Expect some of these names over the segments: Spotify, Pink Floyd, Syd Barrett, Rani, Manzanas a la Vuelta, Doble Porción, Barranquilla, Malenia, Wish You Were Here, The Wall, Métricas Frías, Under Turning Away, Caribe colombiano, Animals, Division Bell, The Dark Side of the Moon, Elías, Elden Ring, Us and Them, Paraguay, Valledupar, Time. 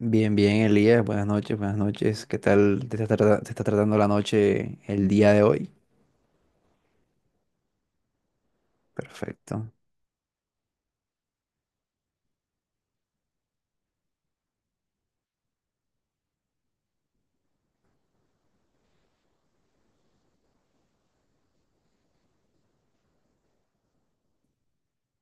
Bien, bien, Elías, buenas noches, buenas noches. ¿Qué tal te está tratando la noche el día de hoy? Perfecto.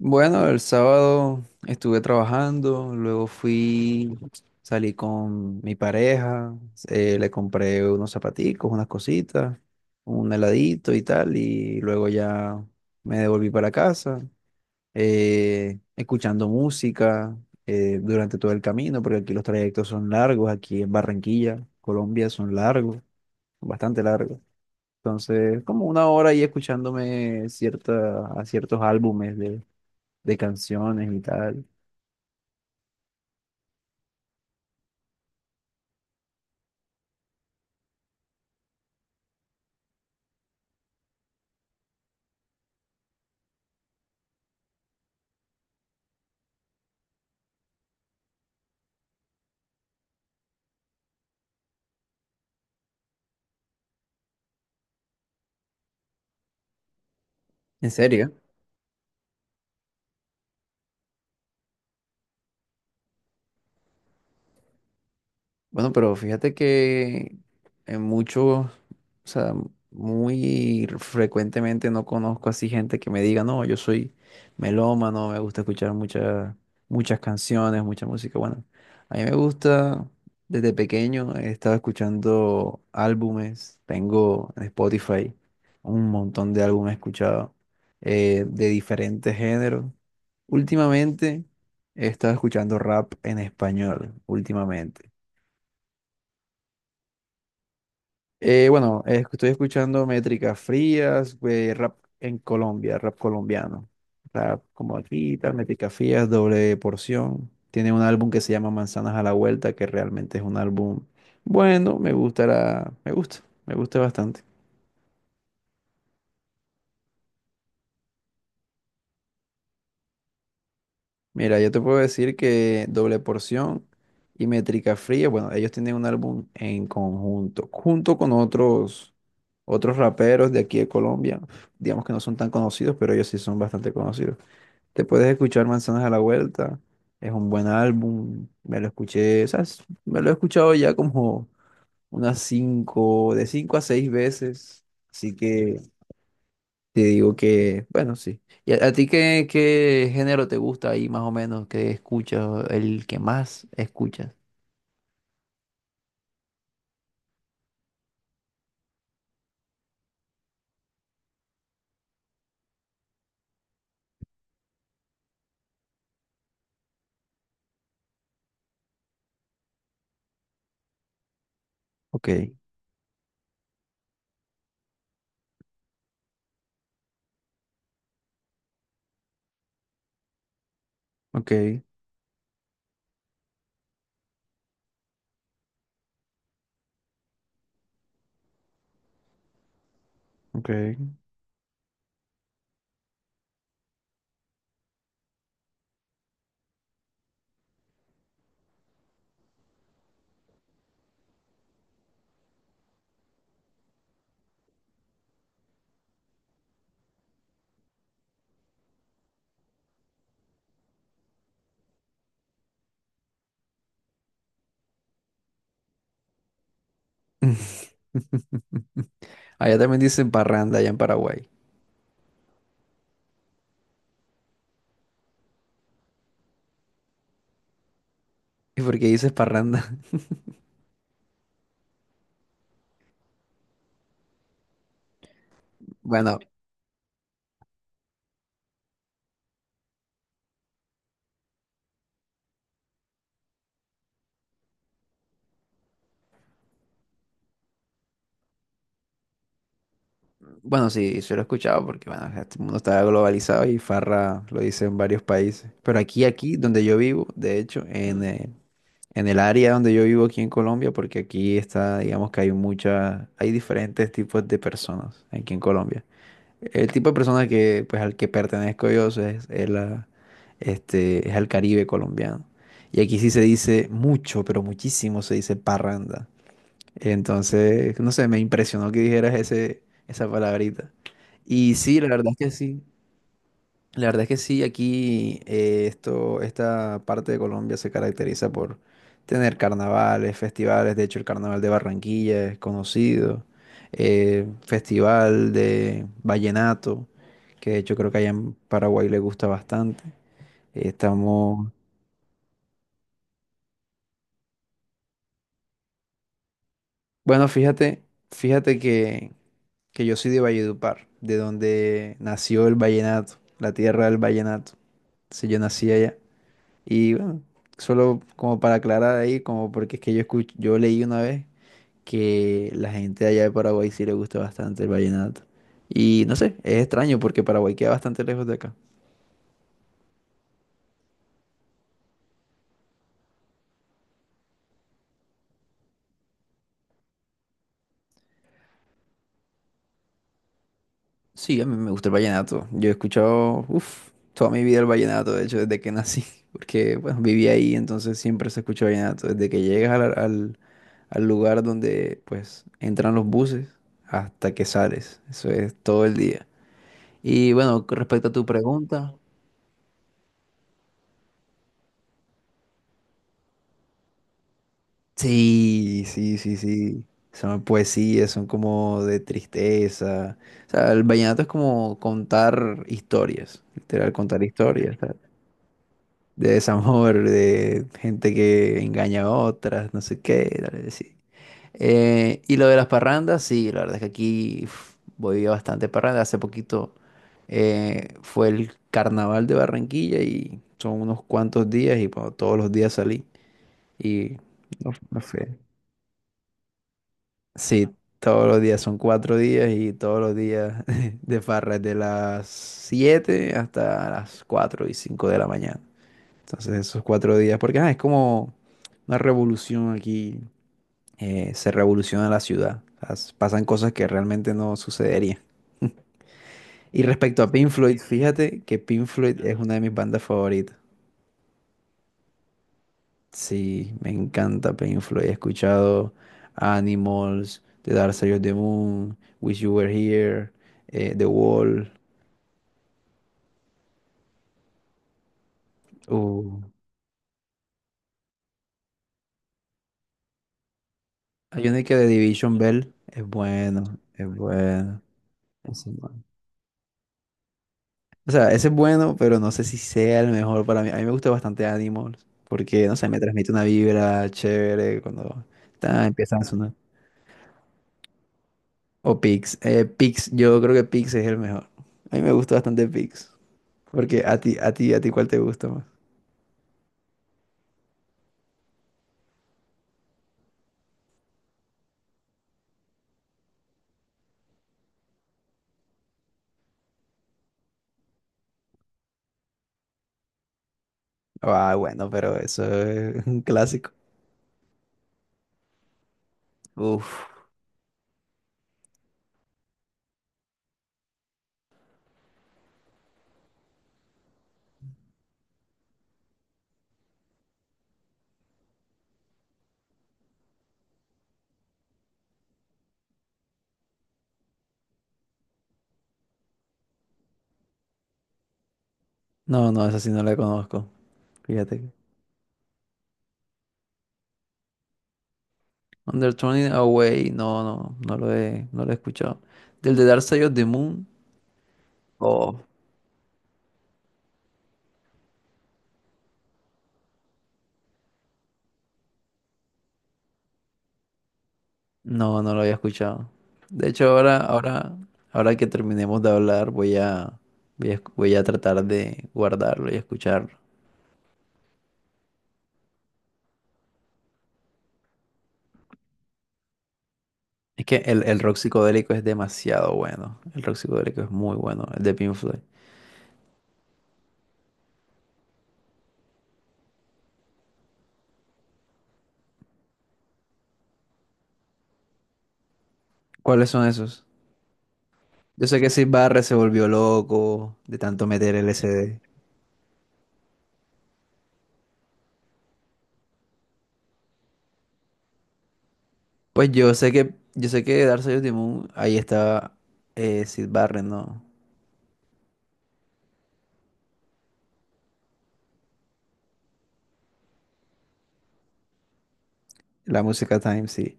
Bueno, el sábado estuve trabajando, luego fui, salí con mi pareja, le compré unos zapaticos, unas cositas, un heladito y tal, y luego ya me devolví para casa, escuchando música durante todo el camino, porque aquí los trayectos son largos, aquí en Barranquilla, Colombia, son largos. Bastante largo. Entonces, como una hora ahí a ciertos álbumes de canciones y tal. En serio. Bueno, pero fíjate que en muchos, o sea, muy frecuentemente no conozco así gente que me diga, no, yo soy melómano, me gusta escuchar muchas canciones, mucha música. Bueno, a mí me gusta, desde pequeño he estado escuchando álbumes, tengo en Spotify un montón de álbumes escuchados, de diferentes géneros. Últimamente he estado escuchando rap en español, últimamente. Bueno, estoy escuchando métricas frías, güey, rap en Colombia, rap colombiano. Rap como aquí, tal, métricas frías, doble porción. Tiene un álbum que se llama Manzanas a la Vuelta, que realmente es un álbum bueno, me gusta bastante. Mira, yo te puedo decir que doble porción y métrica fría, bueno, ellos tienen un álbum en conjunto, junto con otros raperos de aquí de Colombia. Digamos que no son tan conocidos, pero ellos sí son bastante conocidos. Te puedes escuchar Manzanas a la Vuelta. Es un buen álbum. Me lo escuché, o sea, me lo he escuchado ya como unas cinco, de cinco a seis veces. Así que te digo que, bueno, sí. ¿Y a ti qué, qué género te gusta ahí más o menos? ¿Qué escuchas? El que más escuchas. Ok, ok, ok. Allá también dicen parranda allá en Paraguay. ¿Y por qué dices parranda? Bueno, bueno, sí, se lo he escuchado porque, bueno, este mundo está globalizado y Farra lo dice en varios países. Pero aquí, aquí, donde yo vivo, de hecho, en el área donde yo vivo aquí en Colombia, porque aquí está, digamos que hay muchas, hay diferentes tipos de personas aquí en Colombia. El tipo de persona que, pues, al que pertenezco yo es la, este, es al Caribe colombiano. Y aquí sí se dice mucho, pero muchísimo se dice parranda. Entonces, no sé, me impresionó que dijeras esa palabrita. Y sí, la verdad es que sí. La verdad es que sí, aquí esto, esta parte de Colombia se caracteriza por tener carnavales, festivales. De hecho, el carnaval de Barranquilla es conocido. Eh, festival de vallenato, que de hecho creo que allá en Paraguay le gusta bastante. Estamos, bueno, fíjate, fíjate que que yo soy de Valledupar, de donde nació el vallenato, la tierra del vallenato. Entonces yo nací allá. Y bueno, solo como para aclarar ahí, como porque es que yo leí una vez que la gente de allá de Paraguay sí le gusta bastante el vallenato. Y no sé, es extraño porque Paraguay queda bastante lejos de acá. Sí, a mí me gusta el vallenato. Yo he escuchado, uff, toda mi vida el vallenato, de hecho, desde que nací, porque bueno, viví ahí, entonces siempre se escucha vallenato. Desde que llegas al lugar donde pues entran los buses hasta que sales. Eso es todo el día. Y bueno, con respecto a tu pregunta, sí, sí, sí, sí. Son poesías, son como de tristeza. O sea, el vallenato es como contar historias, literal, contar historias. De desamor, de gente que engaña a otras, no sé qué, dale, sí. Y lo de las parrandas, sí, la verdad es que aquí uf, voy a bastante parranda. Hace poquito fue el carnaval de Barranquilla y son unos cuantos días y bueno, todos los días salí. Y no, no sé. Sí, todos los días son cuatro días y todos los días de farra de las 7 hasta las 4 y 5 de la mañana. Entonces esos cuatro días, porque ah, es como una revolución aquí, se revoluciona la ciudad. O sea, pasan cosas que realmente no sucederían. Y respecto a Pink Floyd, fíjate que Pink Floyd es una de mis bandas favoritas. Sí, me encanta Pink Floyd. He escuchado Animals, The Dark Side of the Moon, Wish You Were Here, The Wall. Uh, hay una que de Division Bell es bueno, es bueno. O sea, ese es bueno, pero no sé si sea el mejor para mí. A mí me gusta bastante Animals, porque, no sé, me transmite una vibra chévere cuando ta, empiezan a sonar. O Pix. Pix, yo creo que Pix es el mejor. A mí me gusta bastante Pix. Porque a ti, ¿cuál te gusta más? Ah, bueno, pero eso es un clásico. Uf. No, no, esa sí no la conozco. Fíjate. Under Turning Away, no, no lo he, no lo he escuchado. Del de Dark Side of the Moon, oh. No, no lo había escuchado. De hecho, ahora que terminemos de hablar, voy a, voy a tratar de guardarlo y escucharlo. Es que el rock psicodélico es demasiado bueno. El rock psicodélico es muy bueno, el de Pink Floyd. ¿Cuáles son esos? Yo sé que Syd Barrett se volvió loco de tanto meter LSD. Pues yo sé que Dark Side of the Moon, ahí estaba Syd Barrett, ¿no? La música Time, sí.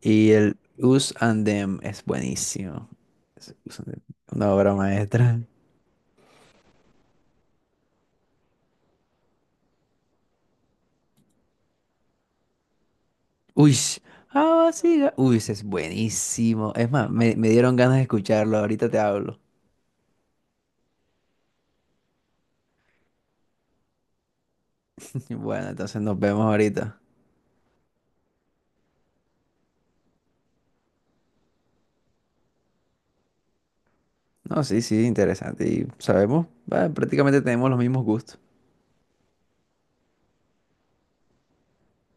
Y el Us and Them es buenísimo. Es Us and Them, una obra maestra. Uy, ah, sí, uy, ese es buenísimo. Es más, me dieron ganas de escucharlo. Ahorita te hablo. Bueno, entonces nos vemos ahorita. No, sí, sí, interesante. Y sabemos, ah, prácticamente tenemos los mismos gustos.